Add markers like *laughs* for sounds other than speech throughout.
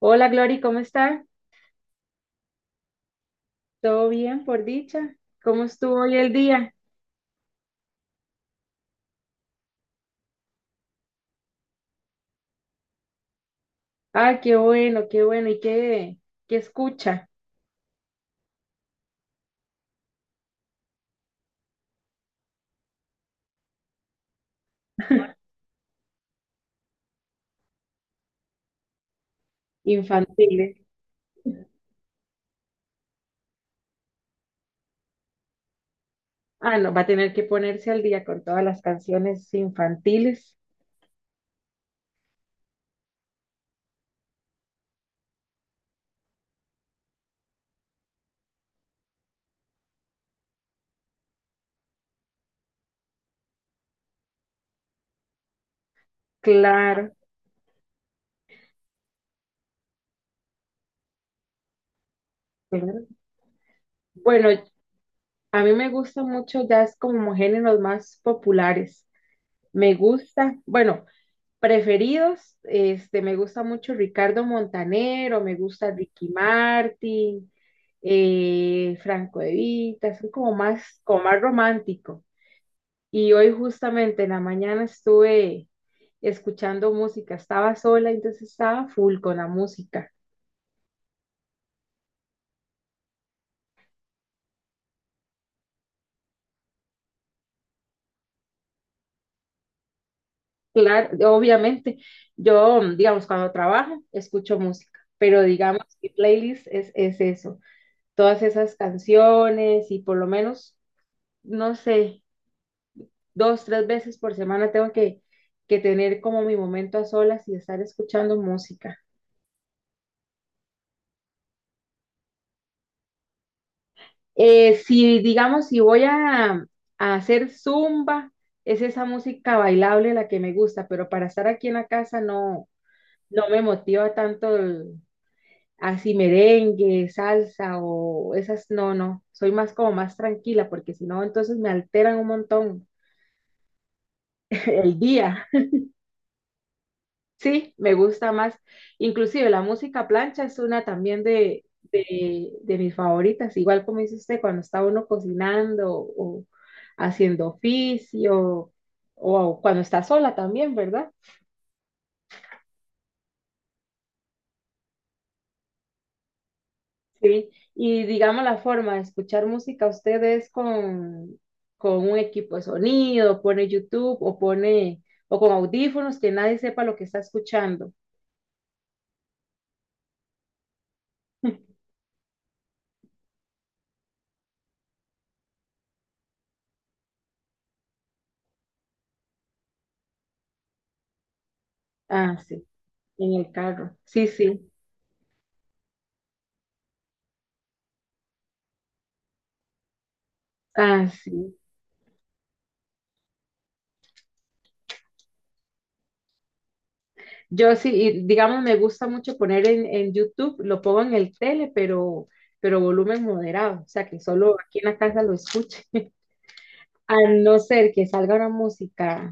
Hola Glory, ¿cómo está? ¿Todo bien por dicha? ¿Cómo estuvo hoy el día? Ah, qué bueno, qué bueno. ¿Y qué escucha? Infantiles. Ah, no, va a tener que ponerse al día con todas las canciones infantiles. Claro, claro. Bueno, a mí me gusta mucho jazz como géneros más populares. Me gusta, bueno, preferidos, me gusta mucho Ricardo Montanero, me gusta Ricky Martin, Franco De Vita, son como más romántico. Y hoy justamente en la mañana estuve escuchando música, estaba sola, entonces estaba full con la música. Claro, obviamente, yo, digamos, cuando trabajo, escucho música, pero digamos, mi playlist es eso, todas esas canciones y por lo menos, no sé, dos, tres veces por semana tengo que tener como mi momento a solas y estar escuchando música. Si, digamos, si voy a hacer zumba, es esa música bailable la que me gusta, pero para estar aquí en la casa no, no me motiva tanto así merengue, salsa o esas, no, no, soy más como más tranquila porque si no, entonces me alteran un montón *laughs* el día. Sí, me gusta más. Inclusive la música plancha es una también de mis favoritas, igual como dice usted, cuando está uno cocinando o haciendo oficio o cuando está sola también, ¿verdad? Sí. Y digamos la forma de escuchar música, usted es con un equipo de sonido, pone YouTube o pone o con audífonos que nadie sepa lo que está escuchando. Ah, sí, en el carro. Sí, sí. Ah, sí. Yo sí, y digamos, me gusta mucho poner en YouTube, lo pongo en el tele, pero volumen moderado, o sea, que solo aquí en la casa lo escuche. *laughs* A no ser que salga una música,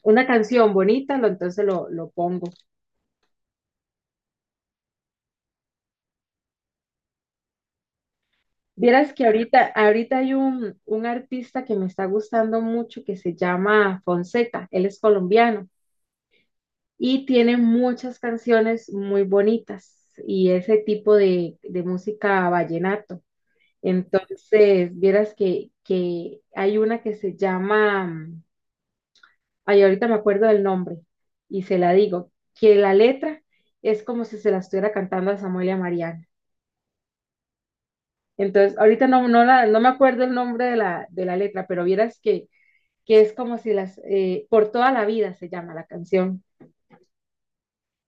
una canción bonita, entonces lo pongo. Vieras que ahorita hay un artista que me está gustando mucho que se llama Fonseca, él es colombiano y tiene muchas canciones muy bonitas y ese tipo de música vallenato. Entonces, vieras que hay una que se llama, ay, ahorita me acuerdo del nombre y se la digo, que la letra es como si se la estuviera cantando a Samuel y a Mariana. Entonces, ahorita no, no, no me acuerdo el nombre de la letra, pero vieras que es como si por toda la vida se llama la canción.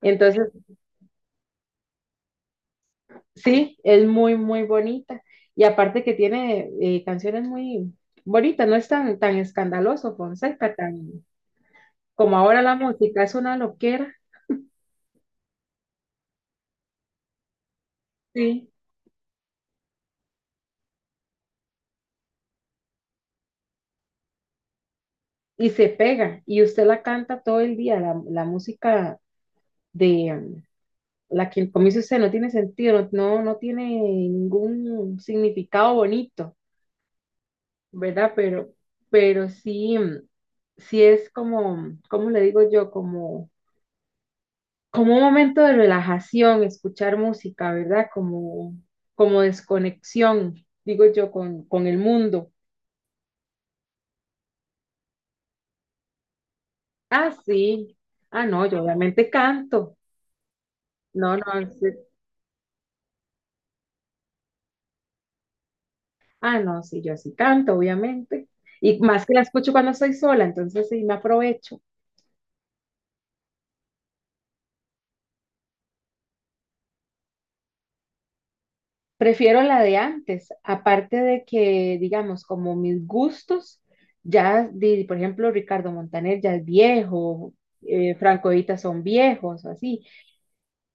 Entonces, sí, es muy, muy bonita. Y aparte que tiene canciones muy bonitas, no es tan, tan escandaloso, Fonseca, tan Como ahora la música es una loquera. Sí, y se pega, y usted la canta todo el día, la música de la que, como dice usted, no tiene sentido, no, no, no tiene ningún significado bonito, ¿verdad? Pero sí, sí es como, ¿cómo le digo yo? Como un momento de relajación, escuchar música, ¿verdad? Como desconexión, digo yo, con el mundo. Ah, sí. Ah, no, yo obviamente canto. No, no, sí. Ah, no, sí, yo así tanto, obviamente. Y más que la escucho cuando estoy sola, entonces sí me aprovecho. Prefiero la de antes, aparte de que, digamos, como mis gustos, ya, por ejemplo, Ricardo Montaner ya es viejo, Franco Evita son viejos, así.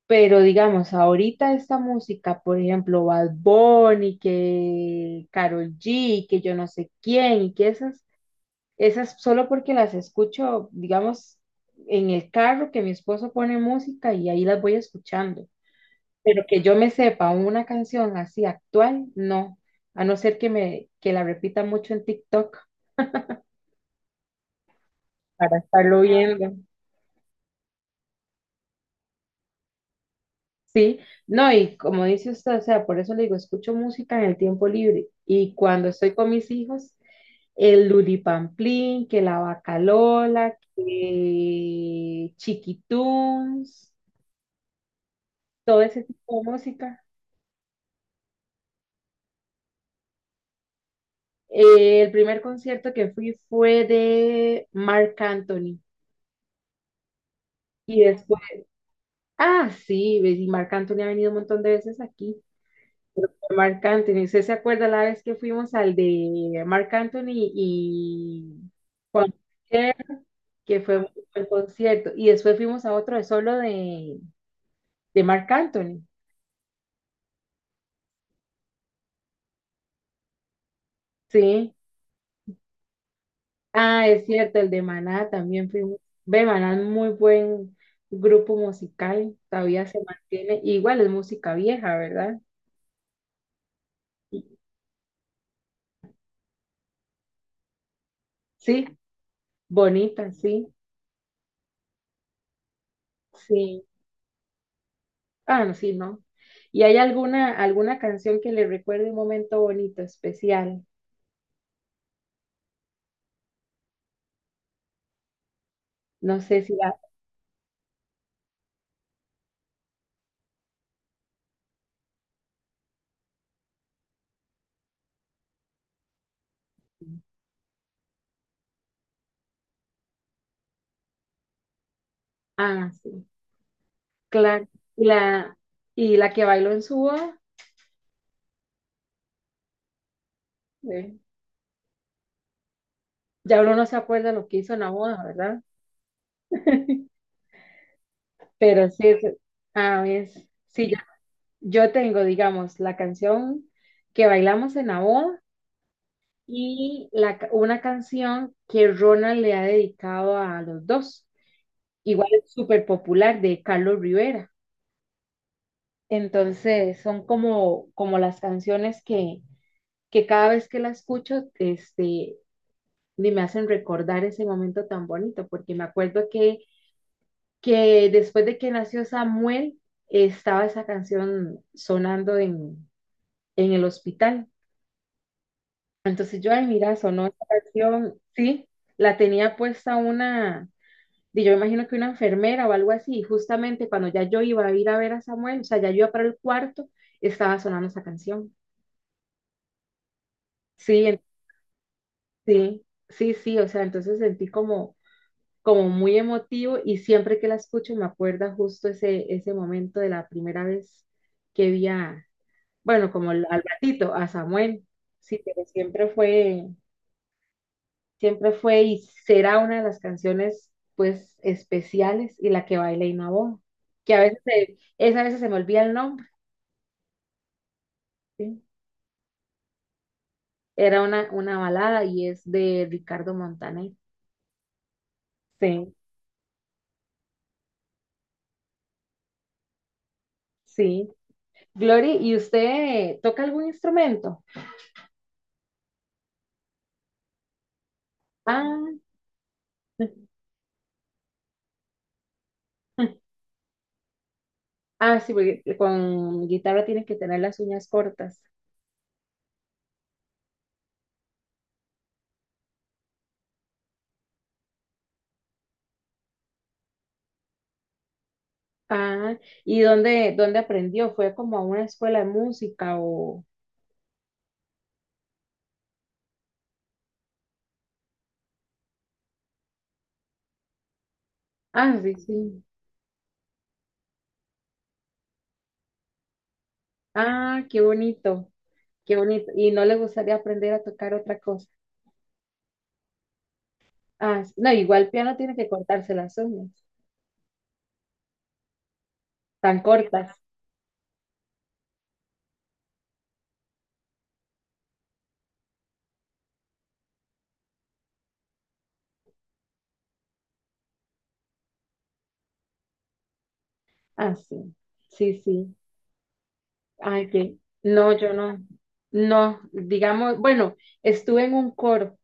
Pero digamos, ahorita esta música, por ejemplo, Bad Bunny, que Karol G, que yo no sé quién, y que esas solo porque las escucho, digamos, en el carro que mi esposo pone música y ahí las voy escuchando. Pero que yo me sepa una canción así actual, no, a no ser que la repita mucho en TikTok para estarlo viendo. Sí, no, y como dice usted, o sea, por eso le digo, escucho música en el tiempo libre y cuando estoy con mis hijos, el Luripamplín, que la Bacalola, que Chiquitunes, todo ese tipo de música. El primer concierto que fui fue de Marc Anthony. Y después, ah, sí, ves, y Marc Anthony ha venido un montón de veces aquí. Pero fue Marc Anthony, ¿usted se acuerda la vez que fuimos al de Marc Anthony y Juan Gabriel, que fue un buen concierto? Y después fuimos a otro de solo de Marc Anthony. Sí. Ah, es cierto, el de Maná también fue, ve, Maná es muy buen grupo musical, todavía se mantiene, igual es música vieja, ¿verdad? Sí, bonita, sí, sí, ah, no, sí, no. ¿Y hay alguna canción que le recuerde un momento bonito, especial? No sé si ah, sí, claro, y la que bailó en su boda, eh, ya uno no se acuerda lo que hizo en la boda, ¿verdad? *laughs* Pero sí, a ver, sí, yo tengo, digamos, la canción que bailamos en la boda y una canción que Ronald le ha dedicado a los dos. Igual es súper popular de Carlos Rivera. Entonces, son como las canciones que cada vez que la escucho, ni me hacen recordar ese momento tan bonito, porque me acuerdo que después de que nació Samuel, estaba esa canción sonando en el hospital. Entonces yo, ay, mira, sonó esta canción, sí, la tenía puesta una, y yo imagino que una enfermera o algo así, y justamente cuando ya yo iba a ir a ver a Samuel, o sea, ya yo iba para el cuarto, estaba sonando esa canción. Sí, sí, sí, sí, o sea, entonces sentí como muy emotivo y siempre que la escucho me acuerda justo ese momento de la primera vez que vi bueno, como al gatito, a Samuel, sí, pero siempre fue... Siempre fue y será una de las canciones, pues, especiales y la que baila Inabó, que a veces, esa a veces se me olvida el nombre, ¿sí? Era una balada y es de Ricardo Montaner. Sí, sí. Glory, ¿y usted toca algún instrumento? Ah, *laughs* ah, sí, porque con guitarra tiene que tener las uñas cortas. Ah, ¿y dónde aprendió? ¿Fue como a una escuela de música o...? Ah, sí, sí. Ah, qué bonito. Qué bonito. Y no le gustaría aprender a tocar otra cosa. Ah, sí. No, igual piano tiene que cortarse las uñas, tan cortas. Ah, sí. Sí, sí. Ay, que no, yo no. No, digamos, bueno, estuve en un coro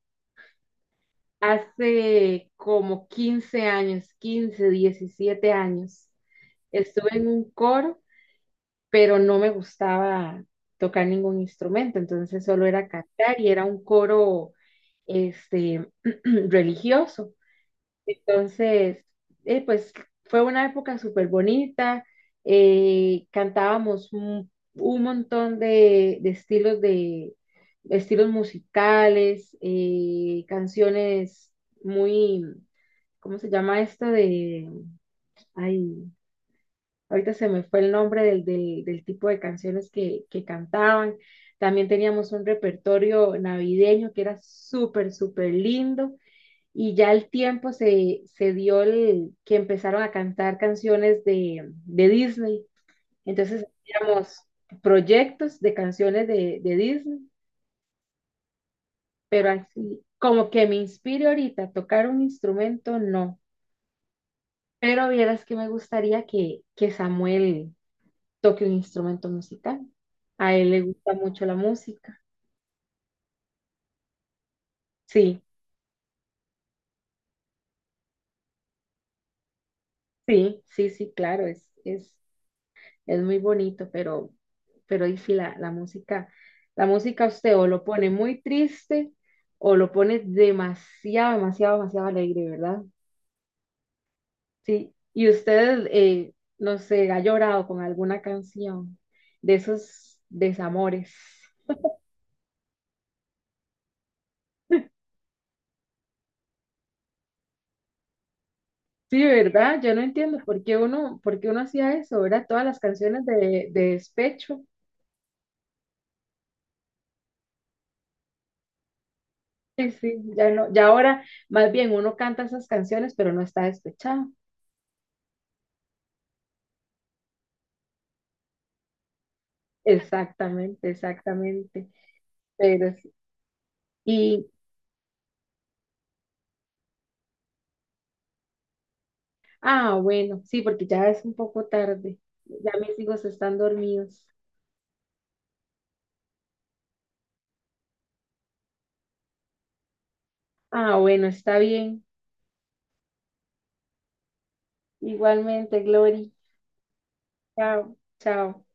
hace como 15 años, 15, 17 años. Estuve en un coro, pero no me gustaba tocar ningún instrumento, entonces solo era cantar y era un coro este *clears throat* religioso. Entonces, pues fue una época súper bonita, cantábamos un montón de estilos de estilos musicales, canciones muy, ¿cómo se llama esto? Ay, ahorita se me fue el nombre del tipo de canciones que cantaban. También teníamos un repertorio navideño que era súper, súper lindo. Y ya el tiempo se dio que empezaron a cantar canciones de Disney. Entonces hacíamos proyectos de canciones de Disney, pero así, como que me inspire ahorita a tocar un instrumento, no. Pero vieras que me gustaría que Samuel toque un instrumento musical. A él le gusta mucho la música. Sí, sí, sí, sí, claro, es muy bonito, pero y sí, la música usted o lo pone muy triste o lo pone demasiado, demasiado, demasiado alegre, ¿verdad? Sí. Y usted, no sé, ha llorado con alguna canción de esos desamores. Sí, ¿verdad? Yo no entiendo por qué uno hacía eso, ¿verdad? Todas las canciones de despecho. Sí, sí, ya no, ya ahora más bien uno canta esas canciones, pero no está despechado. Exactamente, exactamente. Pero sí. Y, ah, bueno, sí, porque ya es un poco tarde. Ya mis hijos están dormidos. Ah, bueno, está bien. Igualmente, Glory. Chao, chao.